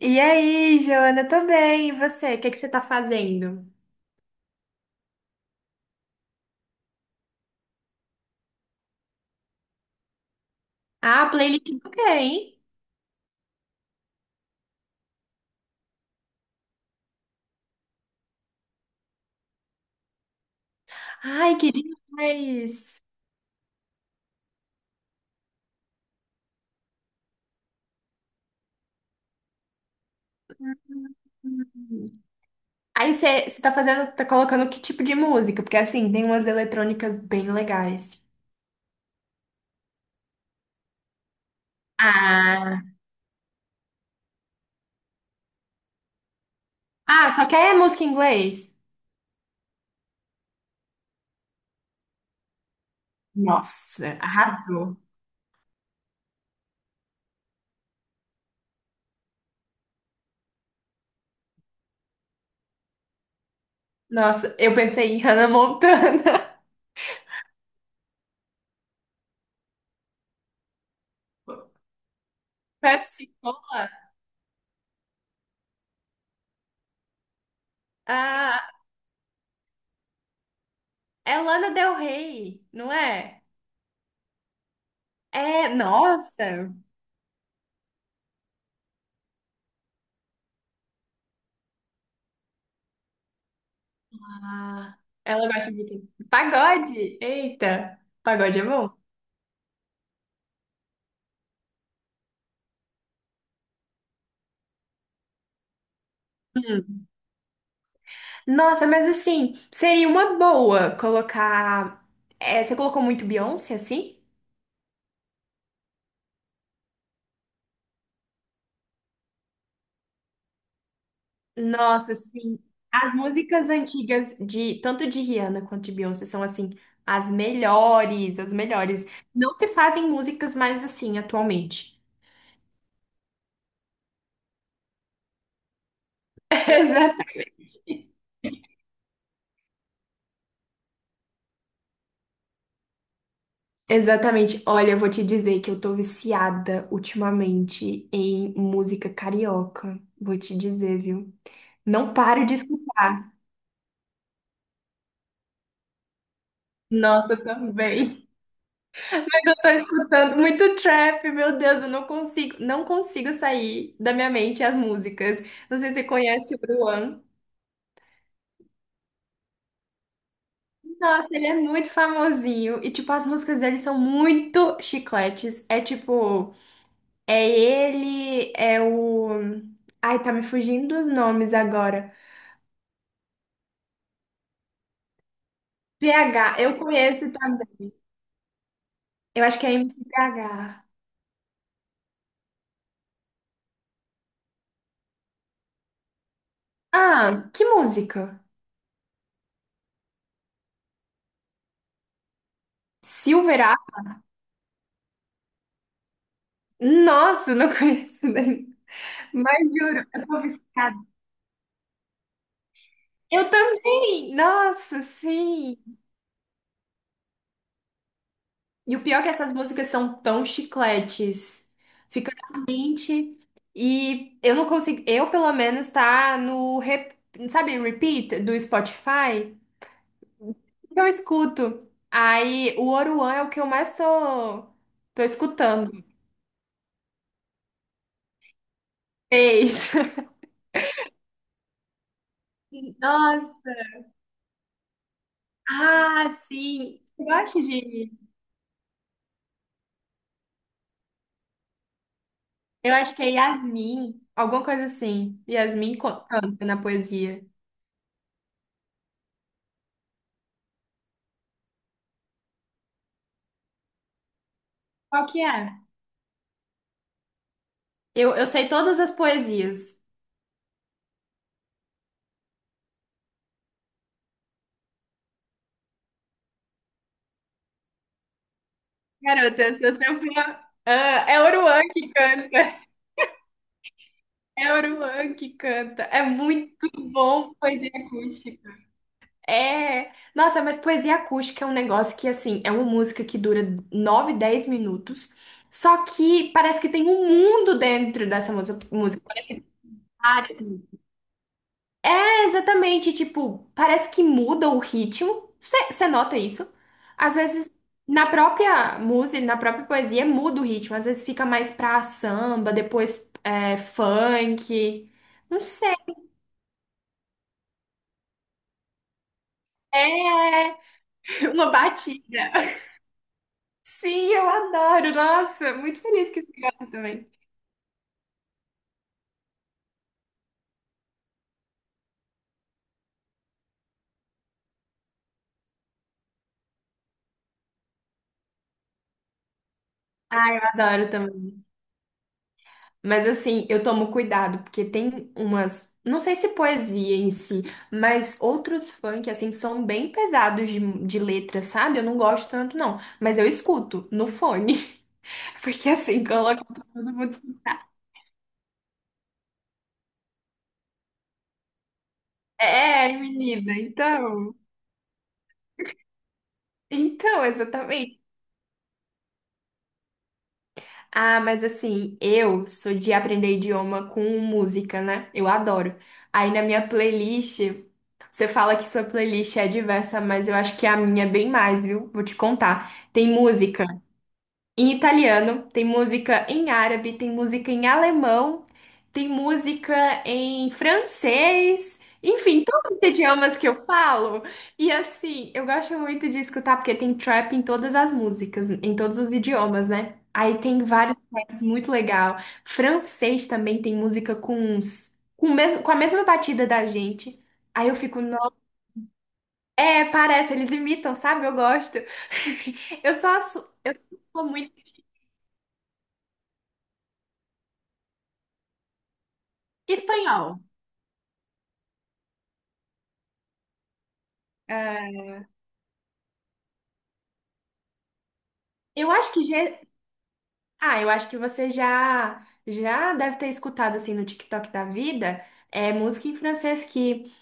E aí, Joana, tô bem. E você? O que que você tá fazendo? Ah, playlist do quê, hein? Ai, que demais! Hum. Aí você tá fazendo, tá colocando que tipo de música? Porque assim, tem umas eletrônicas bem legais. Ah, ah, só quer música em inglês? Nossa, arrasou. Nossa, eu pensei em Hannah Montana. Pepsi Cola? Ah, é Lana Del Rey, não é? É, nossa. Ah, ela gosta de quê? Pagode? Eita, pagode é bom. Hum. Nossa, mas assim, seria uma boa colocar. É, você colocou muito Beyoncé, assim? Nossa, assim, as músicas antigas de tanto de Rihanna quanto de Beyoncé são assim as melhores, as melhores. Não se fazem músicas mais assim atualmente. Exatamente. Olha, eu vou te dizer que eu tô viciada ultimamente em música carioca. Vou te dizer, viu? Não paro de escutar. Nossa, eu também. Mas eu tô escutando muito trap, meu Deus, eu não consigo, não consigo sair da minha mente as músicas. Não sei se você conhece o Bruan. Nossa, ele é muito famosinho e tipo as músicas dele são muito chicletes. É tipo, é ele, é o ai, tá me fugindo dos nomes agora. PH, eu conheço também. Eu acho que é MCPH. Ah, que música? Silver A? Nossa, não conheço nem. Mas juro, eu tô viciada. Eu também! Nossa, sim! E o pior é que essas músicas são tão chicletes. Fica na mente. E eu não consigo. Eu, pelo menos, tá no sabe, repeat do Spotify? Que eu escuto. Aí o Oruan é o que eu mais tô escutando. Fez. Nossa. Ah, sim. Eu gosto de. Eu acho que é Yasmin, alguma coisa assim. Yasmin canta na poesia. Qual que é? Eu sei todas as poesias. Garota, eu sou seu fã. Ah, é Oruan que canta. É Oruan que canta. É muito bom poesia acústica. É, nossa, mas poesia acústica é um negócio que, assim, é uma música que dura 9, 10 minutos, só que parece que tem um mundo dentro dessa música, parece que tem várias. É exatamente, tipo, parece que muda o ritmo, você nota isso? Às vezes, na própria música, na própria poesia, muda o ritmo, às vezes fica mais pra samba, depois é, funk, não sei, é uma batida. Sim, eu adoro. Nossa, muito feliz que você gosta também. Eu adoro também. Mas assim, eu tomo cuidado, porque tem umas, não sei se poesia em si, mas outros funk, assim, que são bem pesados de letra, sabe? Eu não gosto tanto, não. Mas eu escuto no fone, porque assim, coloca pra todo mundo escutar. É, menina, então. Então, exatamente. Ah, mas assim, eu sou de aprender idioma com música, né? Eu adoro. Aí na minha playlist, você fala que sua playlist é diversa, mas eu acho que a minha é bem mais, viu? Vou te contar. Tem música em italiano, tem música em árabe, tem música em alemão, tem música em francês, enfim, todos os idiomas que eu falo. E assim, eu gosto muito de escutar porque tem trap em todas as músicas, em todos os idiomas, né? Aí tem vários traps muito legal. Francês também tem música com uns, com, o mesmo, com a mesma batida da gente. Aí eu fico, nossa, parece, eles imitam, sabe? Eu gosto. Eu sou muito espanhol. Ah, eu acho que já... ah, eu acho que você já deve ter escutado assim no TikTok da vida, é música em francês que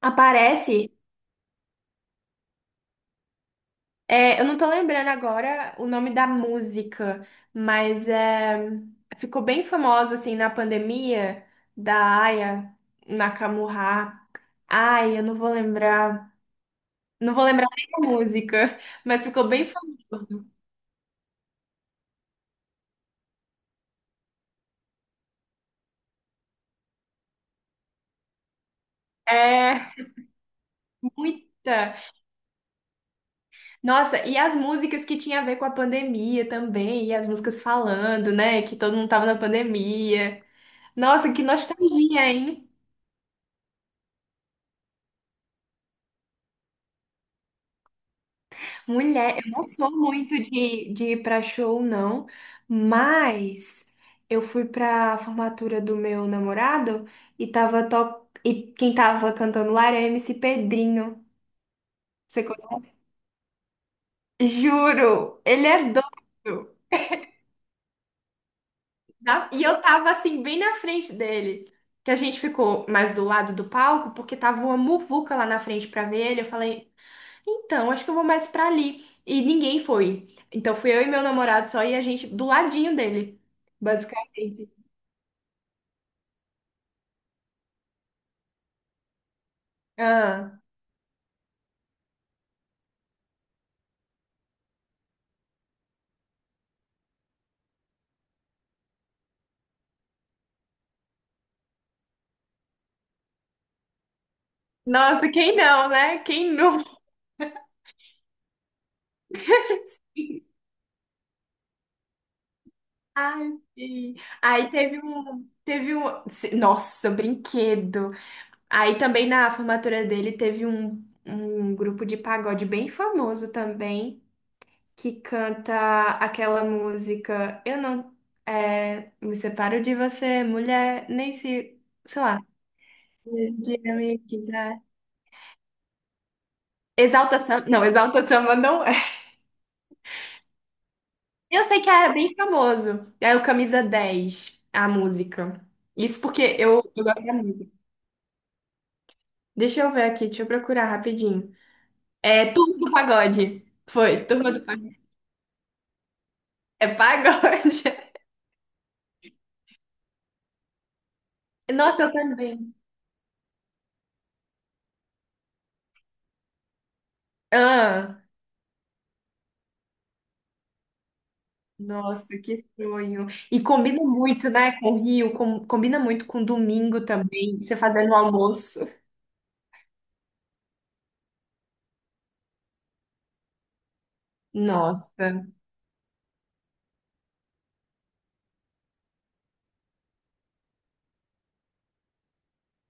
aparece. Eu não tô lembrando agora o nome da música, mas ficou bem famosa assim na pandemia da Aya Nakamura. Ai, eu não vou lembrar, não vou lembrar nem a música, mas ficou bem famosa. É muita. Nossa, e as músicas que tinha a ver com a pandemia também, e as músicas falando, né, que todo mundo tava na pandemia. Nossa, que nostalgia, hein? Mulher, eu não sou muito de ir pra show, não, mas eu fui pra formatura do meu namorado e tava top, e quem tava cantando lá era MC Pedrinho. Você conhece? Juro, ele é doido. E eu tava assim, bem na frente dele. Que a gente ficou mais do lado do palco, porque tava uma muvuca lá na frente pra ver ele. Eu falei, então, acho que eu vou mais pra ali. E ninguém foi. Então fui eu e meu namorado só e a gente do ladinho dele, basicamente. Ah. Nossa, quem não, né? Quem nunca? Ai, sim. Aí teve um, nossa, brinquedo. Aí também na formatura dele teve um grupo de pagode bem famoso também, que canta aquela música "Eu não me separo de você, mulher, nem se, sei lá, se um dia me quiser." Exalta Samba não é. Eu sei que era bem famoso. É o Camisa 10 a música. Isso porque eu gosto da música. Deixa eu ver aqui, deixa eu procurar rapidinho. É Turma do Pagode. Foi, Turma do Pagode. É pagode. Nossa, eu também. Ah. Nossa, que sonho. E combina muito, né, com o Rio, combina muito com domingo também, você fazendo o almoço. Nossa.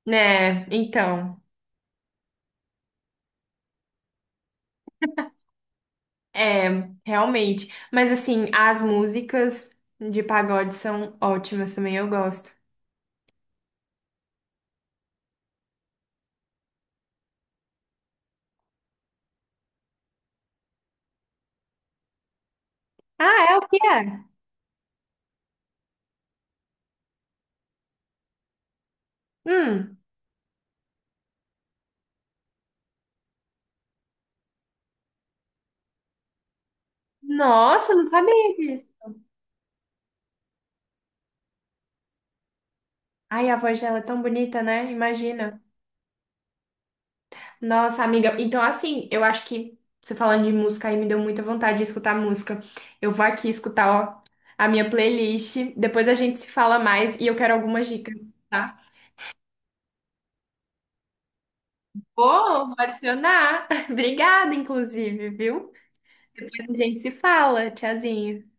Né? Então, realmente. Mas assim, as músicas de pagode são ótimas também, eu gosto. Ah, é o que é? Hum. Nossa, não sabia disso. Ai, a voz dela é tão bonita, né? Imagina. Nossa, amiga, então assim, eu acho que você falando de música aí me deu muita vontade de escutar música. Eu vou aqui escutar, ó, a minha playlist. Depois a gente se fala mais e eu quero algumas dicas, tá? Vou adicionar. Obrigada, inclusive, viu? Depois a gente se fala. Tchauzinho.